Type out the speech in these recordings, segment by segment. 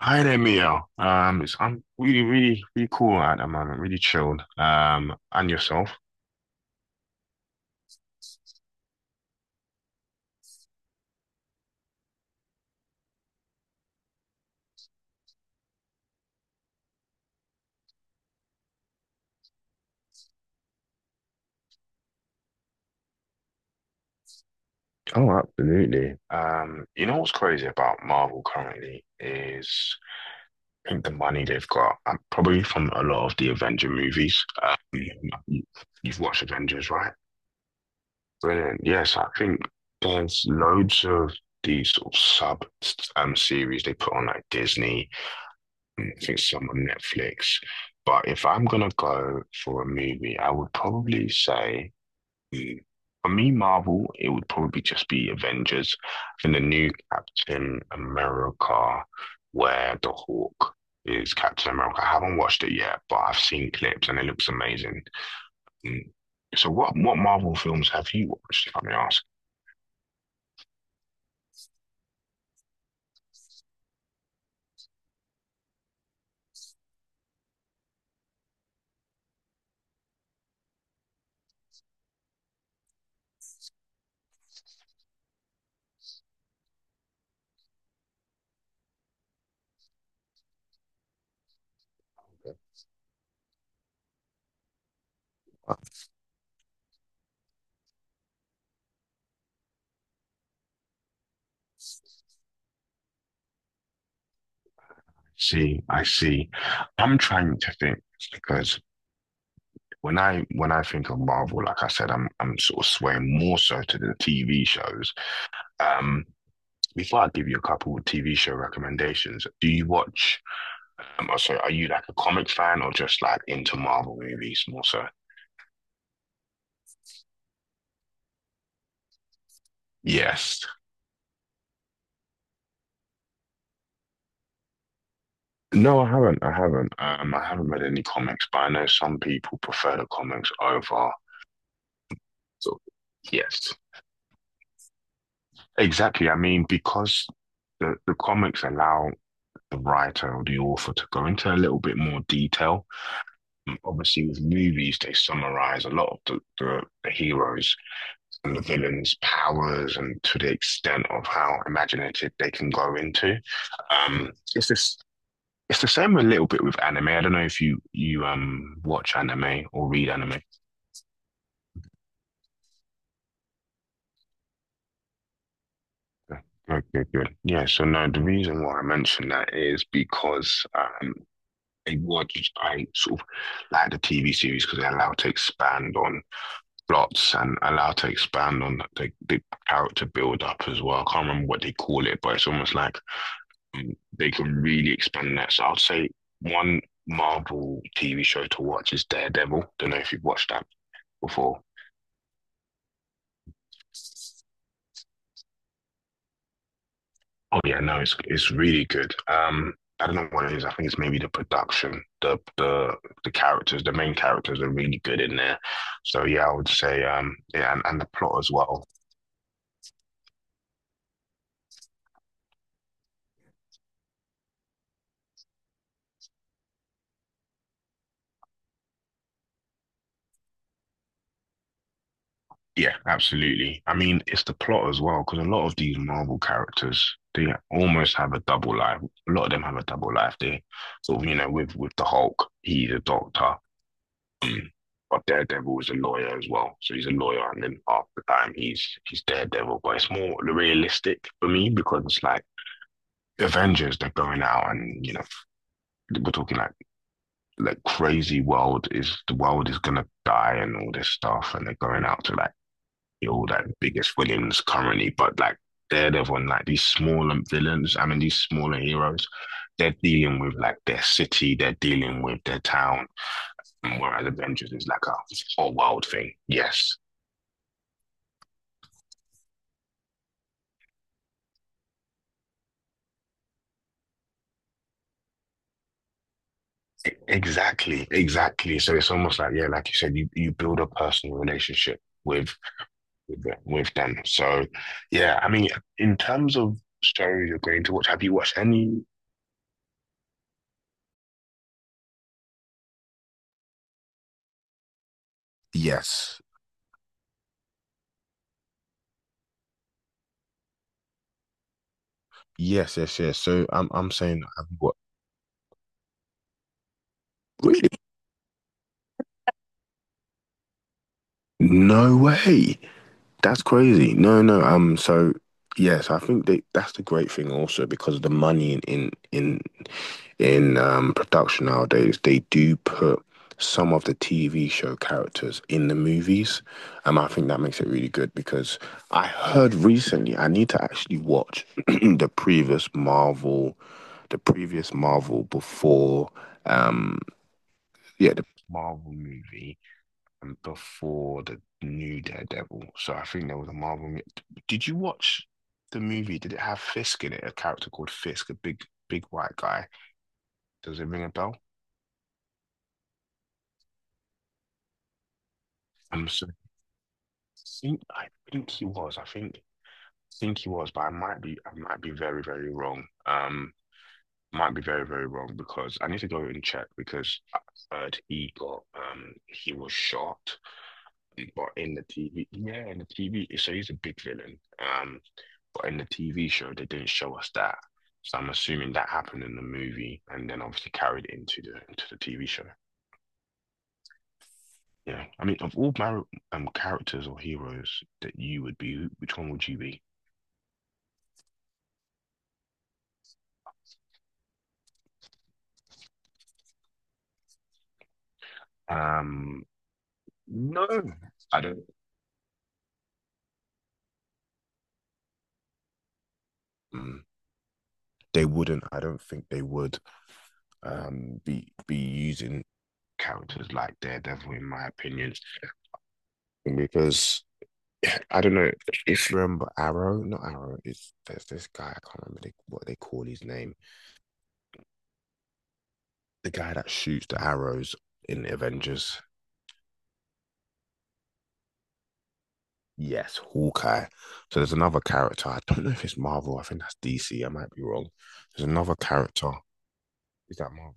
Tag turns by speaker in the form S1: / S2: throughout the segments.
S1: Hi there, Mio. It's I'm really, really, really cool at the moment, really chilled. And yourself? Oh, absolutely. You know what's crazy about Marvel currently is I think the money they've got, probably from a lot of the Avenger movies. You- you've watched Avengers, right? Brilliant. Yes, I think there's loads of these sort of sub series they put on like Disney. I think some on Netflix. But if I'm gonna go for a movie, I would probably say mm, for me, Marvel, it would probably just be Avengers and the new Captain America, where the Hawk is Captain America. I haven't watched it yet, but I've seen clips and it looks amazing. Mm. So what Marvel films have you watched, if I may ask? I see, I see. I'm trying to think because when I think of Marvel, like I said, I'm sort of swaying more so to the TV shows. Um, before I give you a couple of TV show recommendations, do you watch? Oh, sorry, are you like a comic fan or just like into Marvel movies more so? Yes. No, I haven't. I haven't. I haven't read any comics, but I know some people prefer the comics over. So, yes, exactly. I mean, because the comics allow the writer or the author to go into a little bit more detail. Obviously with movies they summarize a lot of the heroes and the villains powers, and to the extent of how imaginative they can go into. It's this, it's the same a little bit with anime. I don't know if you watch anime or read anime. Okay, good. Yeah, so no, the reason why I mentioned that is because I watched, I sort of like the TV series because they allow to expand on plots and allow to expand on the character build up as well. I can't remember what they call it, but it's almost like um, they can really expand that. So I'd say one Marvel TV show to watch is Daredevil. Don't know if you've watched that before. Oh yeah, no, it's really good. I don't know what it is. I think it's maybe the production, the characters, the main characters are really good in there. So yeah, I would say yeah, and the plot as well. Yeah, absolutely. I mean, it's the plot as well, because a lot of these Marvel characters, they almost have a double life. A lot of them have a double life. They sort of, you know, with the Hulk, he's a doctor, but Daredevil is a lawyer as well. So he's a lawyer, and then half the time he's Daredevil. But it's more realistic for me because it's like Avengers, they're going out, and you know, we're talking like crazy world is the world is gonna die and all this stuff, and they're going out to like all like biggest villains currently, but like Daredevil and like these smaller villains, I mean these smaller heroes, they're dealing with like their city, they're dealing with their town, whereas Avengers is like a whole world thing. Yes. Exactly. So it's almost like, yeah, like you said, you build a personal relationship with with them. So yeah, I mean, in terms of shows you're going to watch, have you watched any? Yes. Yes, yes, yes. So I'm saying I've got. No way. That's crazy. No, no. So yes, I think that that's the great thing also because of the money in production nowadays, they do put some of the TV show characters in the movies. I think that makes it really good because I heard recently I need to actually watch the previous Marvel before um yeah, the Marvel movie before the new Daredevil. So I think there was a Marvel. Did you watch the movie? Did it have Fisk in it? A character called Fisk, a big, big white guy. Does it ring a bell? I'm so, I I think he was. I think he was, but I might be very, very wrong. Might be very, very wrong because I need to go and check because I heard he got he was shot, but in the TV, yeah, in the TV. So he's a big villain. But in the TV show, they didn't show us that. So I'm assuming that happened in the movie and then obviously carried into the TV show. Yeah. I mean, of all my characters or heroes that you would be, which one would you be? Um, no, I don't. mm, They wouldn't. I don't think they would be using characters like Daredevil in my opinion because I don't know if you remember Arrow, not Arrow. It's there's this guy I can't remember they, what they call his name. The guy that shoots the arrows in Avengers. Yes, Hawkeye. So there's another character. I don't know if it's Marvel. I think that's DC. I might be wrong. There's another character. Is that Marvel?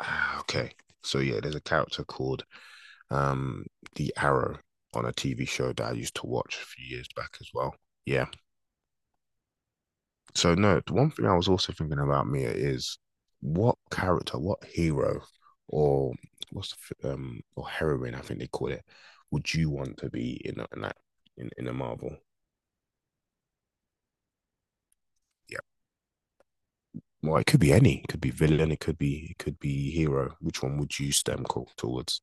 S1: Ah, okay. So yeah, there's a character called um the Arrow on a TV show that I used to watch a few years back as well. Yeah. So no, the one thing I was also thinking about Mia is what character, what hero, or what's the, or heroine I think they call it, would you want to be in a, in that in a Marvel? Yeah. Well, it could be any. It could be villain. It could be hero. Which one would you stem call towards?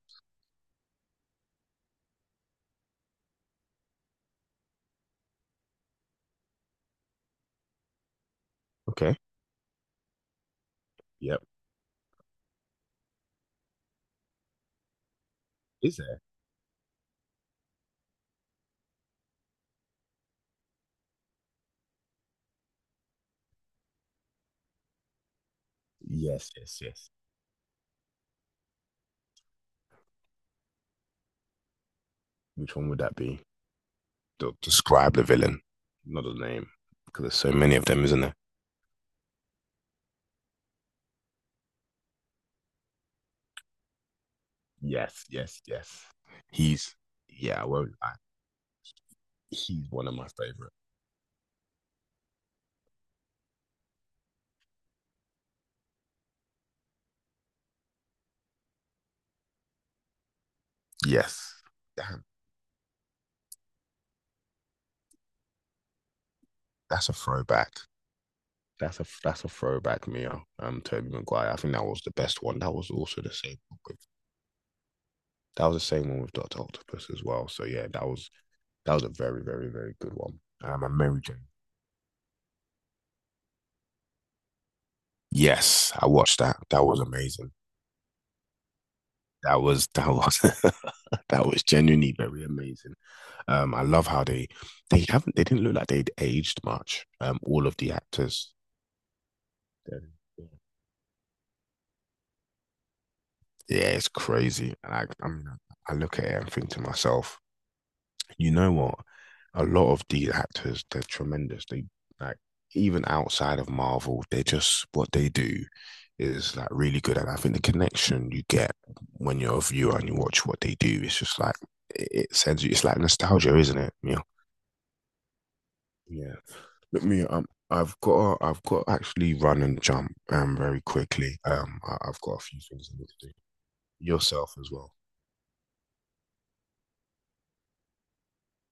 S1: Okay. Yep. Is there? Yes. Yes. Yes. Which one would that be? Describe the villain, not the name, because there's so many of them, isn't there? Yes. Yes. Yes. He's yeah. I won't lie. He's one of my favorite. Yes. Damn, that's a throwback. That's a throwback, Mio. Toby Maguire. I think that was the best one. That was also the same one with that was the same one with Doctor Octopus as well. So yeah, that was a very very very good one. And Mary Jane. Yes, I watched that. That was amazing. That was that was genuinely very amazing. I love how they didn't look like they'd aged much. All of the actors, they're, they're yeah, it's crazy. And I mean, I look at it and think to myself, you know what? A lot of these actors, they're tremendous. They like even outside of Marvel, they just what they do is like really good. And I think the connection you get when you're a viewer and you watch what they do, it's just like it sends you. It's like nostalgia, isn't it? Yeah. Yeah. Look, me, I've got to actually run and jump very quickly. Um, I've got a few things I need to do. Yourself as well.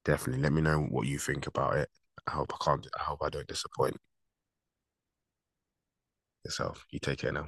S1: Definitely. Let me know what you think about it. I hope I can't. I hope I don't disappoint yourself. You take care now.